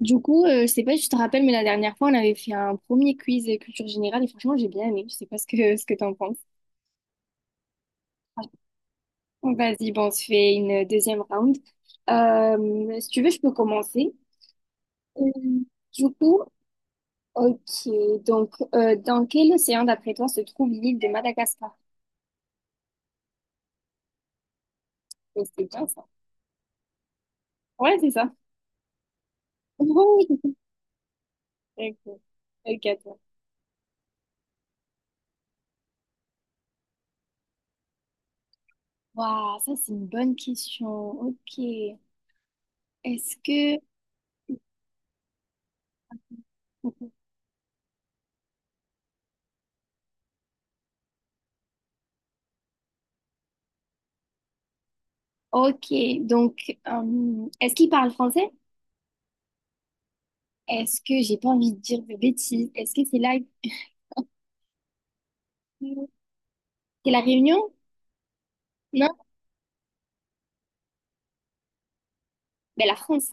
Du coup, je sais pas si tu te rappelles, mais la dernière fois, on avait fait un premier quiz culture générale et franchement, j'ai bien aimé. Je sais pas ce que, ce que t'en penses. Vas-y, bon, on se fait une deuxième round. Si tu veux, je peux commencer. Euh, Du coup, ok, donc, dans quel océan, d'après toi, se trouve l'île de Madagascar? Mais c'est bien ça. Ouais, c'est ça. Oui. Ok, ok, à toi. Waouh, ça, c'est une bonne question. Ok. Est-ce que... Ok, donc est-ce qu'il parle français? Est-ce que j'ai pas envie de dire de bêtises? Est-ce que c'est là que- c'est la Réunion? Non? Ben la France.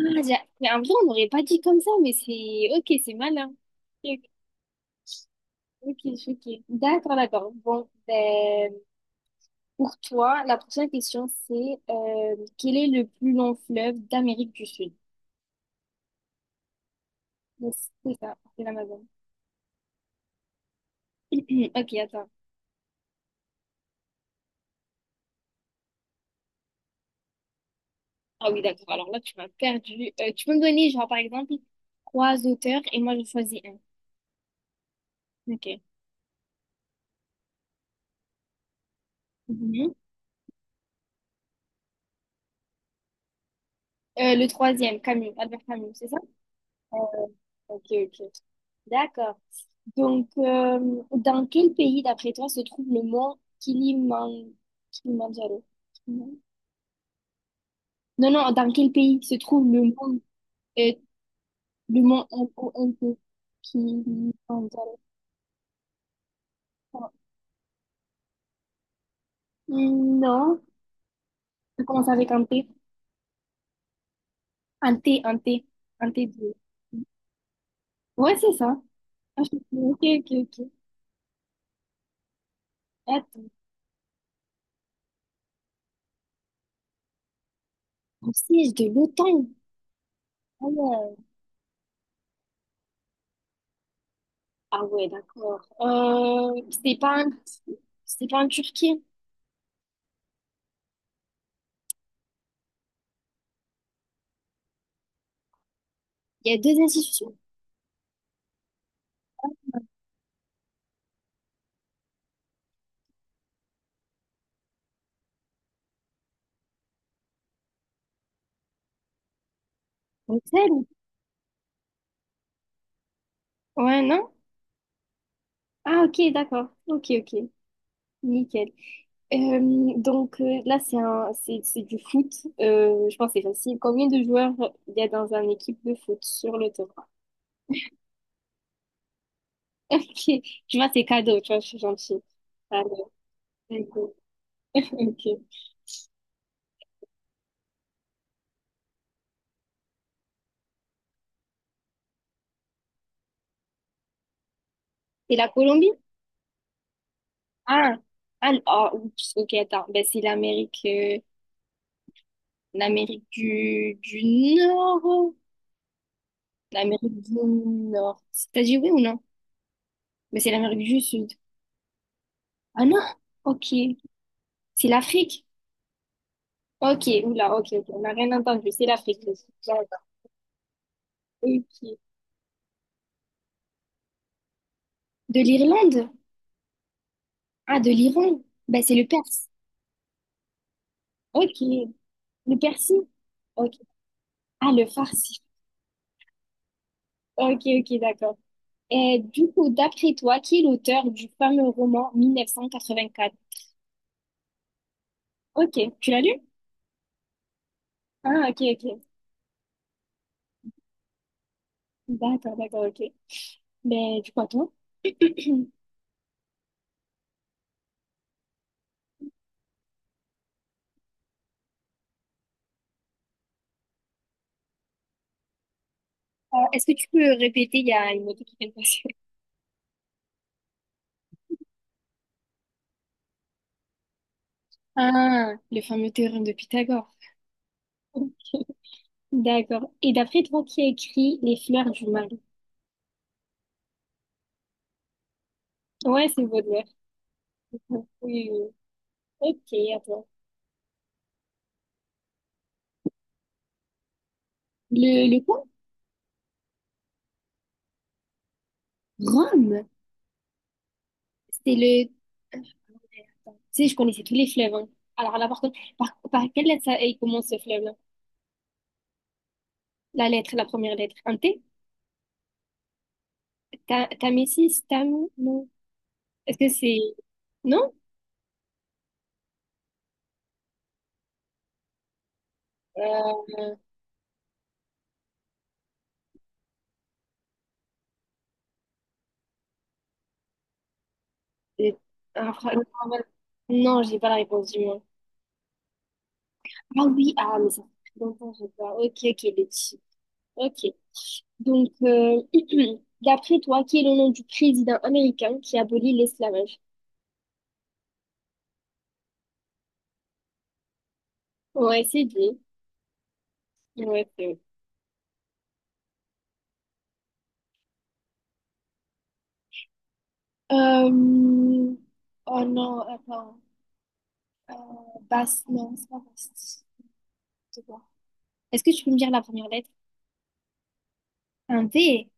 Ah, j'ai mais en vrai on n'aurait pas dit comme ça, mais c'est ok, c'est malin. Ok, ok, je suis ok. D'accord, d'accord. Bon, ben pour toi, la prochaine question c'est quel est le plus long fleuve d'Amérique du Sud? Yes, c'est ça, c'est l'Amazon. Ok, attends. Ah oui, d'accord. Alors là, tu m'as perdu. Tu peux me donner, genre, par exemple, trois auteurs et moi, je choisis un. Ok. Mhm. Le troisième, Camus, Albert Camus, c'est ça? Ok, ok. D'accord. Donc, dans quel pays, d'après toi, se trouve le mont Kilimanjaro? Non, non, dans quel pays se trouve euh, le mont MONT, Kilimanjaro? Hmm, non, ça commence avec un T. Un T, un T, un T de... Ouais, c'est ça. Ah, Ok, ok, ok. Attends, un siège de l'OTAN. Ah ouais, ah ouais, d'accord. C'est pas un... c'est pas en Turquie. Il y a deux institutions. Bruxelles? Ouais, non? Ah ok, d'accord. Ok, ok. Nickel. Donc là, c'est du foot. Je pense que c'est facile. Combien de joueurs il y a dans une équipe de foot sur le terrain? Ok. Tu vois, c'est cadeau. Tu vois, je suis gentille. Allez, d'accord. Ok. Et la Colombie? Ah, ah, ah, oups, ok, attends. Ben, c'est l'Amérique l'Amérique du Nord. L'Amérique du Nord. C'est t'as dit oui ou non? Mais c'est l'Amérique du Sud. Ah non? Ok. C'est l'Afrique? Ok, oula, ok, ok. On n'a rien entendu. C'est l'Afrique. Le Sud. Bien. Ok. De l'Irlande? Ah, de l'Iran? Ben, c'est le Perse. Ok. Le Persie? Ok. Ah, le Farsi. Ok, ok, d'accord. Et du coup, d'après toi, qui est l'auteur du fameux roman 1984? Ok, tu l'as lu? Ah, ok, ok. D'accord, d'accord, ok. Ben, du coup, à toi. Est-ce que tu peux répéter? Il y a une moto qui vient de passer. Ah, le fameux théorème de Pythagore. D'accord. Et d'après toi, qui a écrit Les fleurs du mal? Ouais, c'est Baudelaire. Oui, oui, oui. Ok, à toi. Le quoi? Rome? C'est le... Tu sais, je connaissais tous les fleuves, hein. Alors là, par contre, par quelle lettre ça, il commence ce fleuve-là? La lettre, la première lettre. Un T? Ta- Tamésis? Tam... Non. Est-ce que c'est... Non? Euh, et- ah, fra- non, mais- non, j'ai pas la réponse du moins. Ah oui, ah, mais ça fait très longtemps, je vois. Ok, ok, les petits. Ok. Donc, d'après toi, qui est le nom du président américain qui abolit l'esclavage? Ouais, c'est lui. Ouais, c'est lui. Euh, Oh non, attends. Euh, Bast, non, c'est pas Bast. C'est quoi? Est-ce que tu peux me dire la première lettre? Un V.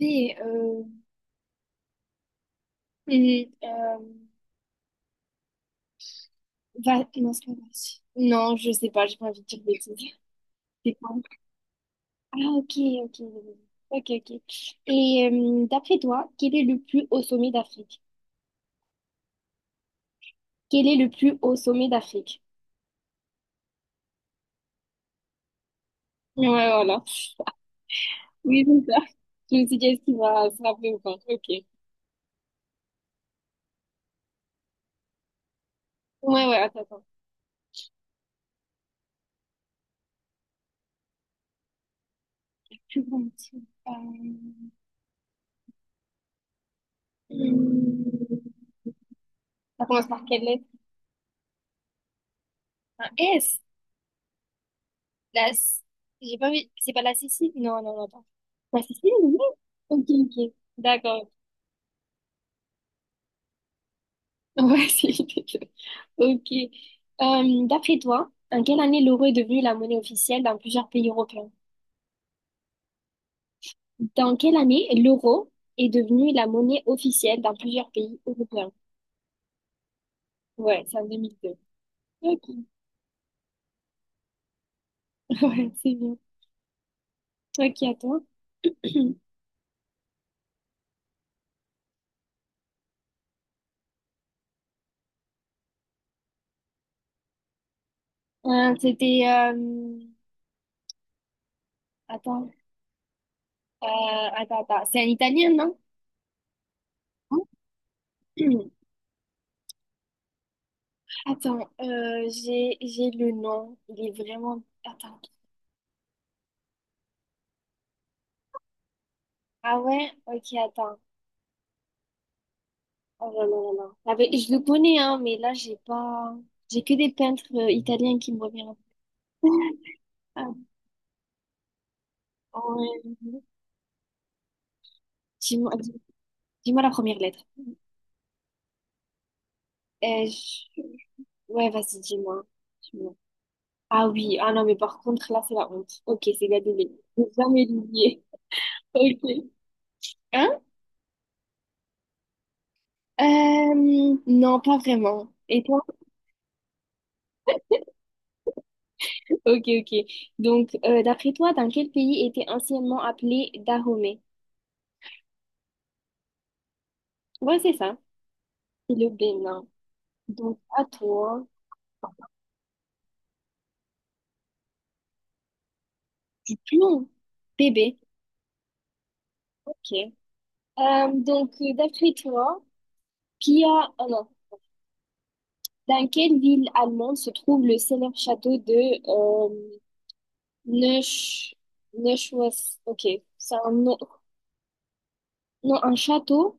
V, hum, euh, Va... Non, c'est pas Varsovie. Non, je sais pas, j'ai pas envie de dire de bêtises. C'est quoi? Ah, ok, ok, ok, ok. Et d'après toi, quel est le plus haut sommet d'Afrique? Quel est le plus haut sommet d'Afrique? Ouais, voilà. Oui, c'est ça. Je me suis dit, est-ce qu'il va se rappeler ou pas? Ok. Ouais, ouais, attends, attends. Plus grand métier. Euh... hum, Ça commence par quelle lettre? Un S. La... S- J'ai pas envie. C'est pas la Sicile? Non, non, non, attends. La Sicile, oui. Ok, ok. D'accord. Ouais, c'est ridicule. Ok. D'après toi, en quelle année l'euro est devenu la monnaie officielle dans plusieurs pays européens? Dans quelle année l'euro est devenu la monnaie officielle dans plusieurs pays européens? Ouais, c'est en 2002. Ok, ouais, c'est bien. Ok, attends. Euh, c'était... euh, Attends. Euh, Attends, attends. C'est un Italien, non? Attends, j'ai le nom. Il est vraiment... Attends. Ah ouais? Ok, attends. Oh là là là là. Ah ben, je le connais, hein, mais là, j'ai pas... J'ai que des peintres italiens qui me reviennent. Ah, ouais. Dis-moi, dis- dis-moi la première lettre. Euh, je- Ouais, vas-y, dis-moi. Dis-moi. Ah oui, ah non, mais par contre, là, c'est la honte. Ok, c'est Galilée. Je vais jamais l'oublier. Ok. Hein? Non, pas vraiment. Et toi? Ok, ok. Donc, d'après toi, dans quel pays était anciennement appelé Dahomey? Ouais, c'est ça. C'est le Bénin. Donc, à toi. Non, bébé, ok. Donc, d'après toi, Pia, ah non, dans quelle ville allemande se trouve le célèbre château de euh, Neusch... Neuschwanstein? Ok, c'est un, nom- non, un château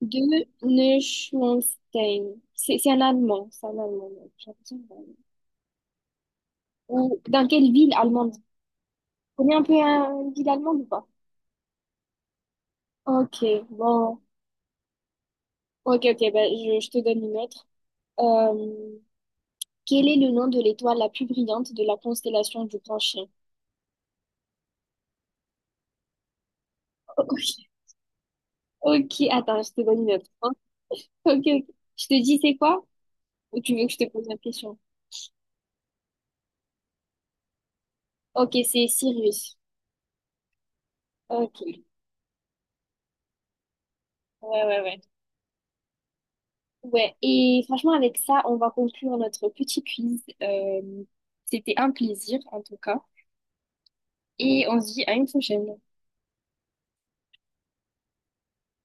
de Neuschwanstein. C'est un allemand, c'est un allemand, donc j'ai l'impression que c'est un Allemand. Ou dans quelle ville allemande? Tu connais un peu une ville allemande ou pas? Ok, bon. Ok, ok, ben, je te donne une autre. Euh, Quel est le nom de l'étoile la plus brillante de la constellation du Grand Chien? Ok, ok, attends, je te donne une autre, hein. Ok, ok. Je te dis c'est quoi? Ou tu veux que je te pose la question? Ok, c'est Sirius. Ok, ouais, ouais, ouais. Ouais, et franchement, avec ça, on va conclure notre petit quiz. C'était un plaisir, en tout cas. Et on se dit à une prochaine.